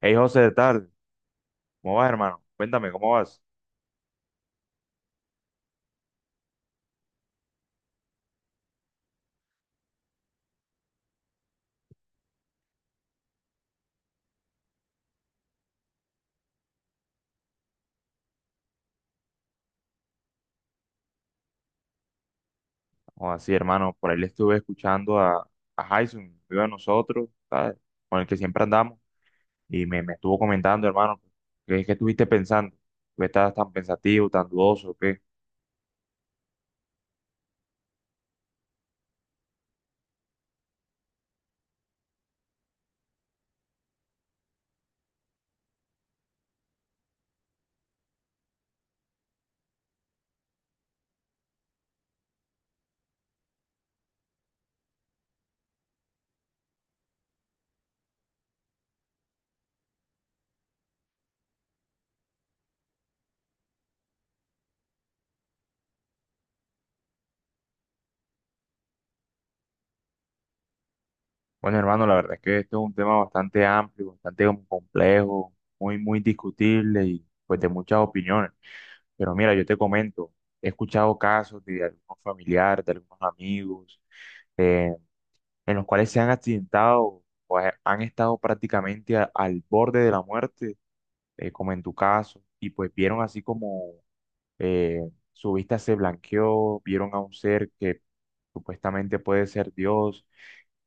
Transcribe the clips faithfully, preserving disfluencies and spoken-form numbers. Hey José, ¿qué tal? ¿Cómo vas, hermano? Cuéntame, ¿cómo vas? O así, hermano, por ahí le estuve escuchando a, a Jason, un amigo de nosotros, ¿sabes? Con el que siempre andamos, y me, me estuvo comentando, hermano, ¿qué, qué estuviste pensando? ¿Por ¿Qué estabas tan pensativo, tan dudoso? ¿Qué? Bueno, hermano, la verdad es que esto es un tema bastante amplio, bastante como complejo, muy, muy discutible y pues de muchas opiniones. Pero mira, yo te comento, he escuchado casos de algunos familiares, de algunos amigos. eh, en los cuales se han accidentado o ha- han estado prácticamente a- al borde de la muerte, eh, como en tu caso, y pues vieron así como eh, su vista se blanqueó, vieron a un ser que supuestamente puede ser Dios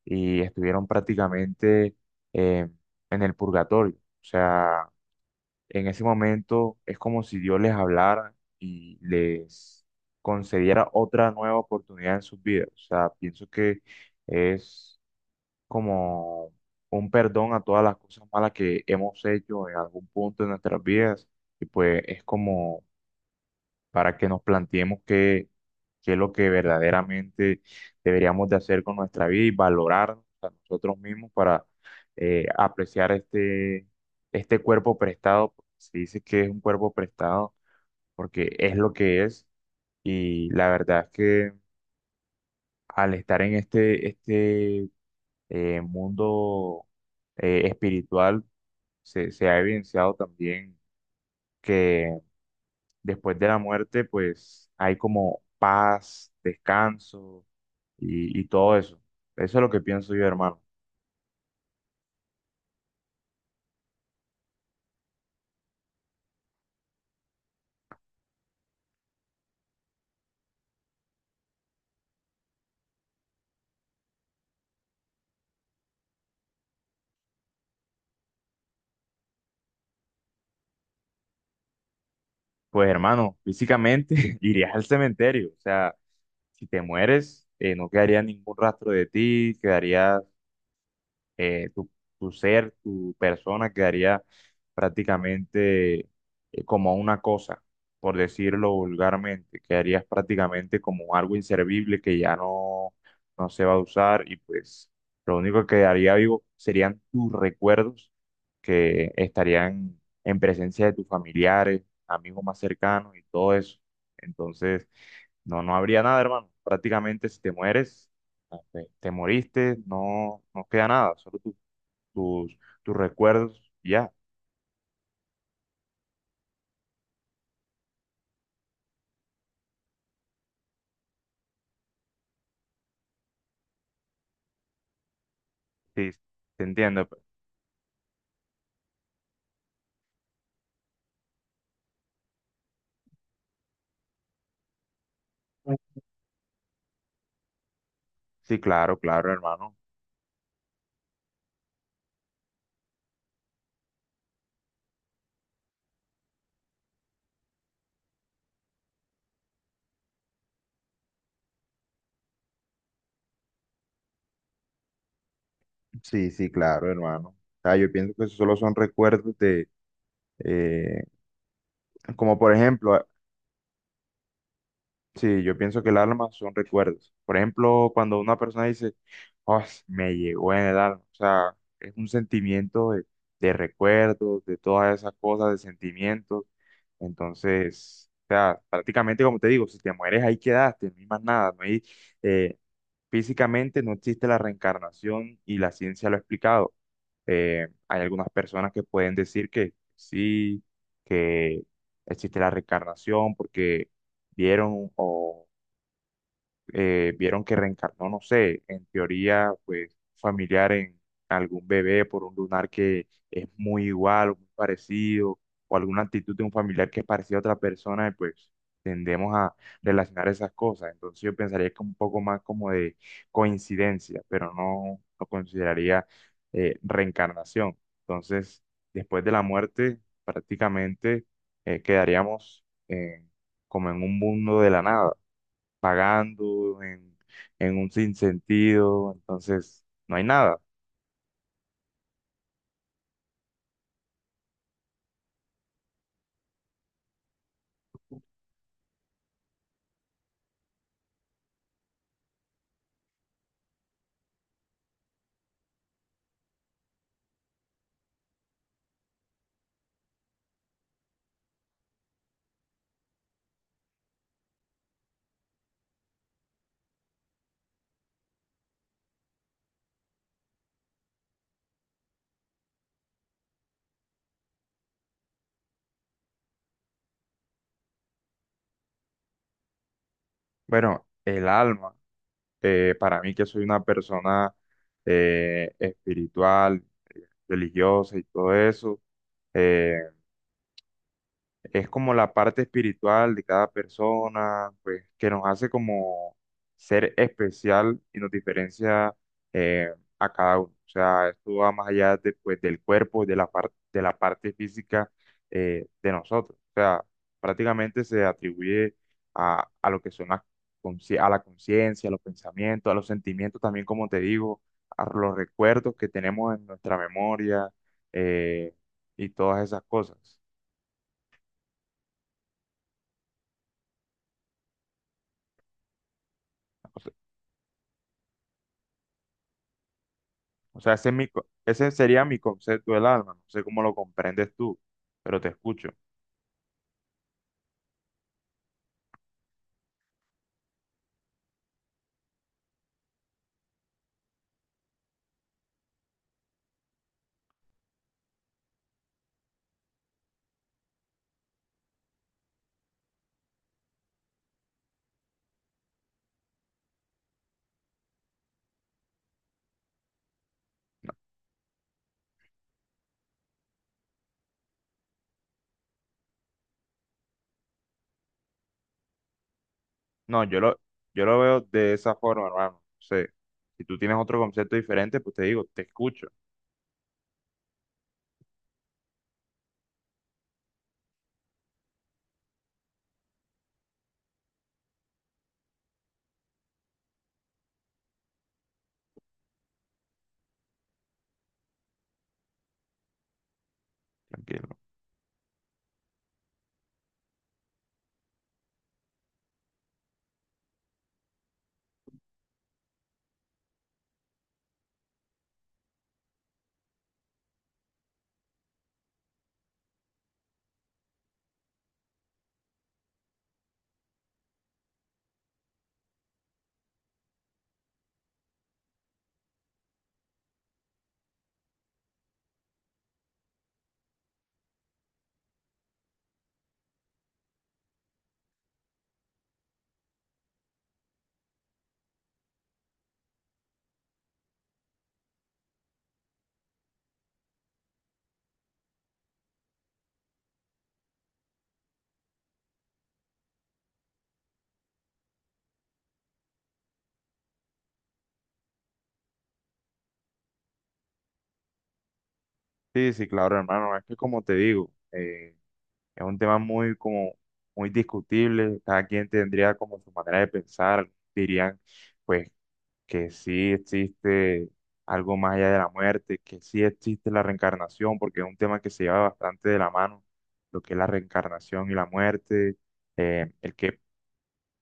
y estuvieron prácticamente eh, en el purgatorio. O sea, en ese momento es como si Dios les hablara y les concediera otra nueva oportunidad en sus vidas. O sea, pienso que es como un perdón a todas las cosas malas que hemos hecho en algún punto de nuestras vidas. Y pues es como para que nos planteemos qué, qué es lo que verdaderamente deberíamos de hacer con nuestra vida y valorarnos a nosotros mismos para eh, apreciar este, este cuerpo prestado. Se dice que es un cuerpo prestado porque es lo que es. Y la verdad es que al estar en este, este eh, mundo eh, espiritual se, se ha evidenciado también que después de la muerte, pues hay como paz, descanso y, y todo eso. Eso es lo que pienso yo, hermano. Pues, hermano, físicamente irías al cementerio. O sea, si te mueres, eh, no quedaría ningún rastro de ti, quedarías eh, tu, tu ser, tu persona quedaría prácticamente eh, como una cosa, por decirlo vulgarmente, quedarías prácticamente como algo inservible que ya no, no se va a usar y pues lo único que quedaría vivo serían tus recuerdos que estarían en presencia de tus familiares, amigos más cercanos y todo eso. Entonces, no, no habría nada, hermano. Prácticamente si te mueres te, te moriste, no, no queda nada, solo tu- tus, tus recuerdos, y ya, sí, te entiendo. Pues. Sí, claro, claro, hermano. Sí, sí, claro, hermano. O sea, yo pienso que eso solo son recuerdos de, eh, como por ejemplo, sí, yo pienso que el alma son recuerdos. Por ejemplo, cuando una persona dice, oh, me llegó en el alma. O sea, es un sentimiento de, de recuerdos, de todas esas cosas, de sentimientos. Entonces, o sea, prácticamente como te digo, si te mueres ahí quedaste, no hay más nada. No hay, eh, físicamente no existe la reencarnación y la ciencia lo ha explicado. Eh, hay algunas personas que pueden decir que sí, que existe la reencarnación porque vieron o eh, vieron que reencarnó, no sé, en teoría, pues familiar en algún bebé por un lunar que es muy igual o muy parecido, o alguna actitud de un familiar que es parecido a otra persona, y pues tendemos a relacionar esas cosas. Entonces yo pensaría que un poco más como de coincidencia, pero no lo consideraría eh, reencarnación. Entonces, después de la muerte, prácticamente eh, quedaríamos eh, como en un mundo de la nada pagando en, en un sinsentido, entonces no hay nada. Bueno, el alma, eh, para mí que soy una persona eh, espiritual, religiosa y todo eso, eh, es como la parte espiritual de cada persona, pues que nos hace como ser especial y nos diferencia eh, a cada uno. O sea, esto va más allá de, pues, del cuerpo, de la parte, de la parte física eh, de nosotros. O sea, prácticamente se atribuye a, a lo que son las consci- a la conciencia, a los pensamientos, a los sentimientos también, como te digo, a los recuerdos que tenemos en nuestra memoria eh, y todas esas cosas. O sea, ese es mi, co- ese sería mi concepto del alma. No sé cómo lo comprendes tú, pero te escucho. No, no, yo lo, yo lo veo de esa forma, hermano. No sé. Si tú tienes otro concepto diferente, pues te digo, te escucho. Tranquilo. Sí, sí, claro, hermano. Es que como te digo, eh, es un tema muy como muy discutible. Cada quien tendría como su manera de pensar. Dirían, pues que sí existe algo más allá de la muerte, que sí existe la reencarnación, porque es un tema que se lleva bastante de la mano, lo que es la reencarnación y la muerte, eh, el que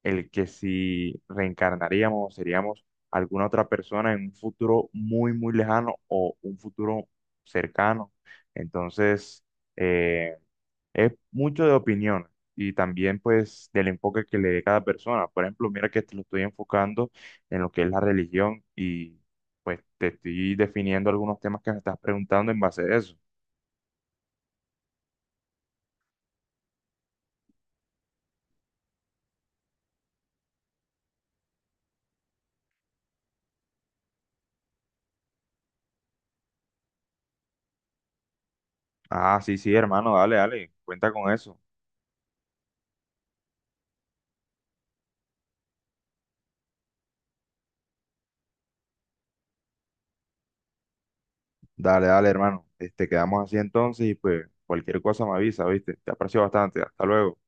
el que si reencarnaríamos, seríamos alguna otra persona en un futuro muy, muy lejano o un futuro cercano. Entonces, eh, es mucho de opinión y también pues del enfoque que le dé cada persona. Por ejemplo, mira que te lo estoy enfocando en lo que es la religión y pues te estoy definiendo algunos temas que me estás preguntando en base a eso. Ah, sí, sí, hermano, dale, dale, cuenta con eso. Dale, dale, hermano. Este, quedamos así entonces y pues cualquier cosa me avisa, ¿viste? Te aprecio bastante. Hasta luego.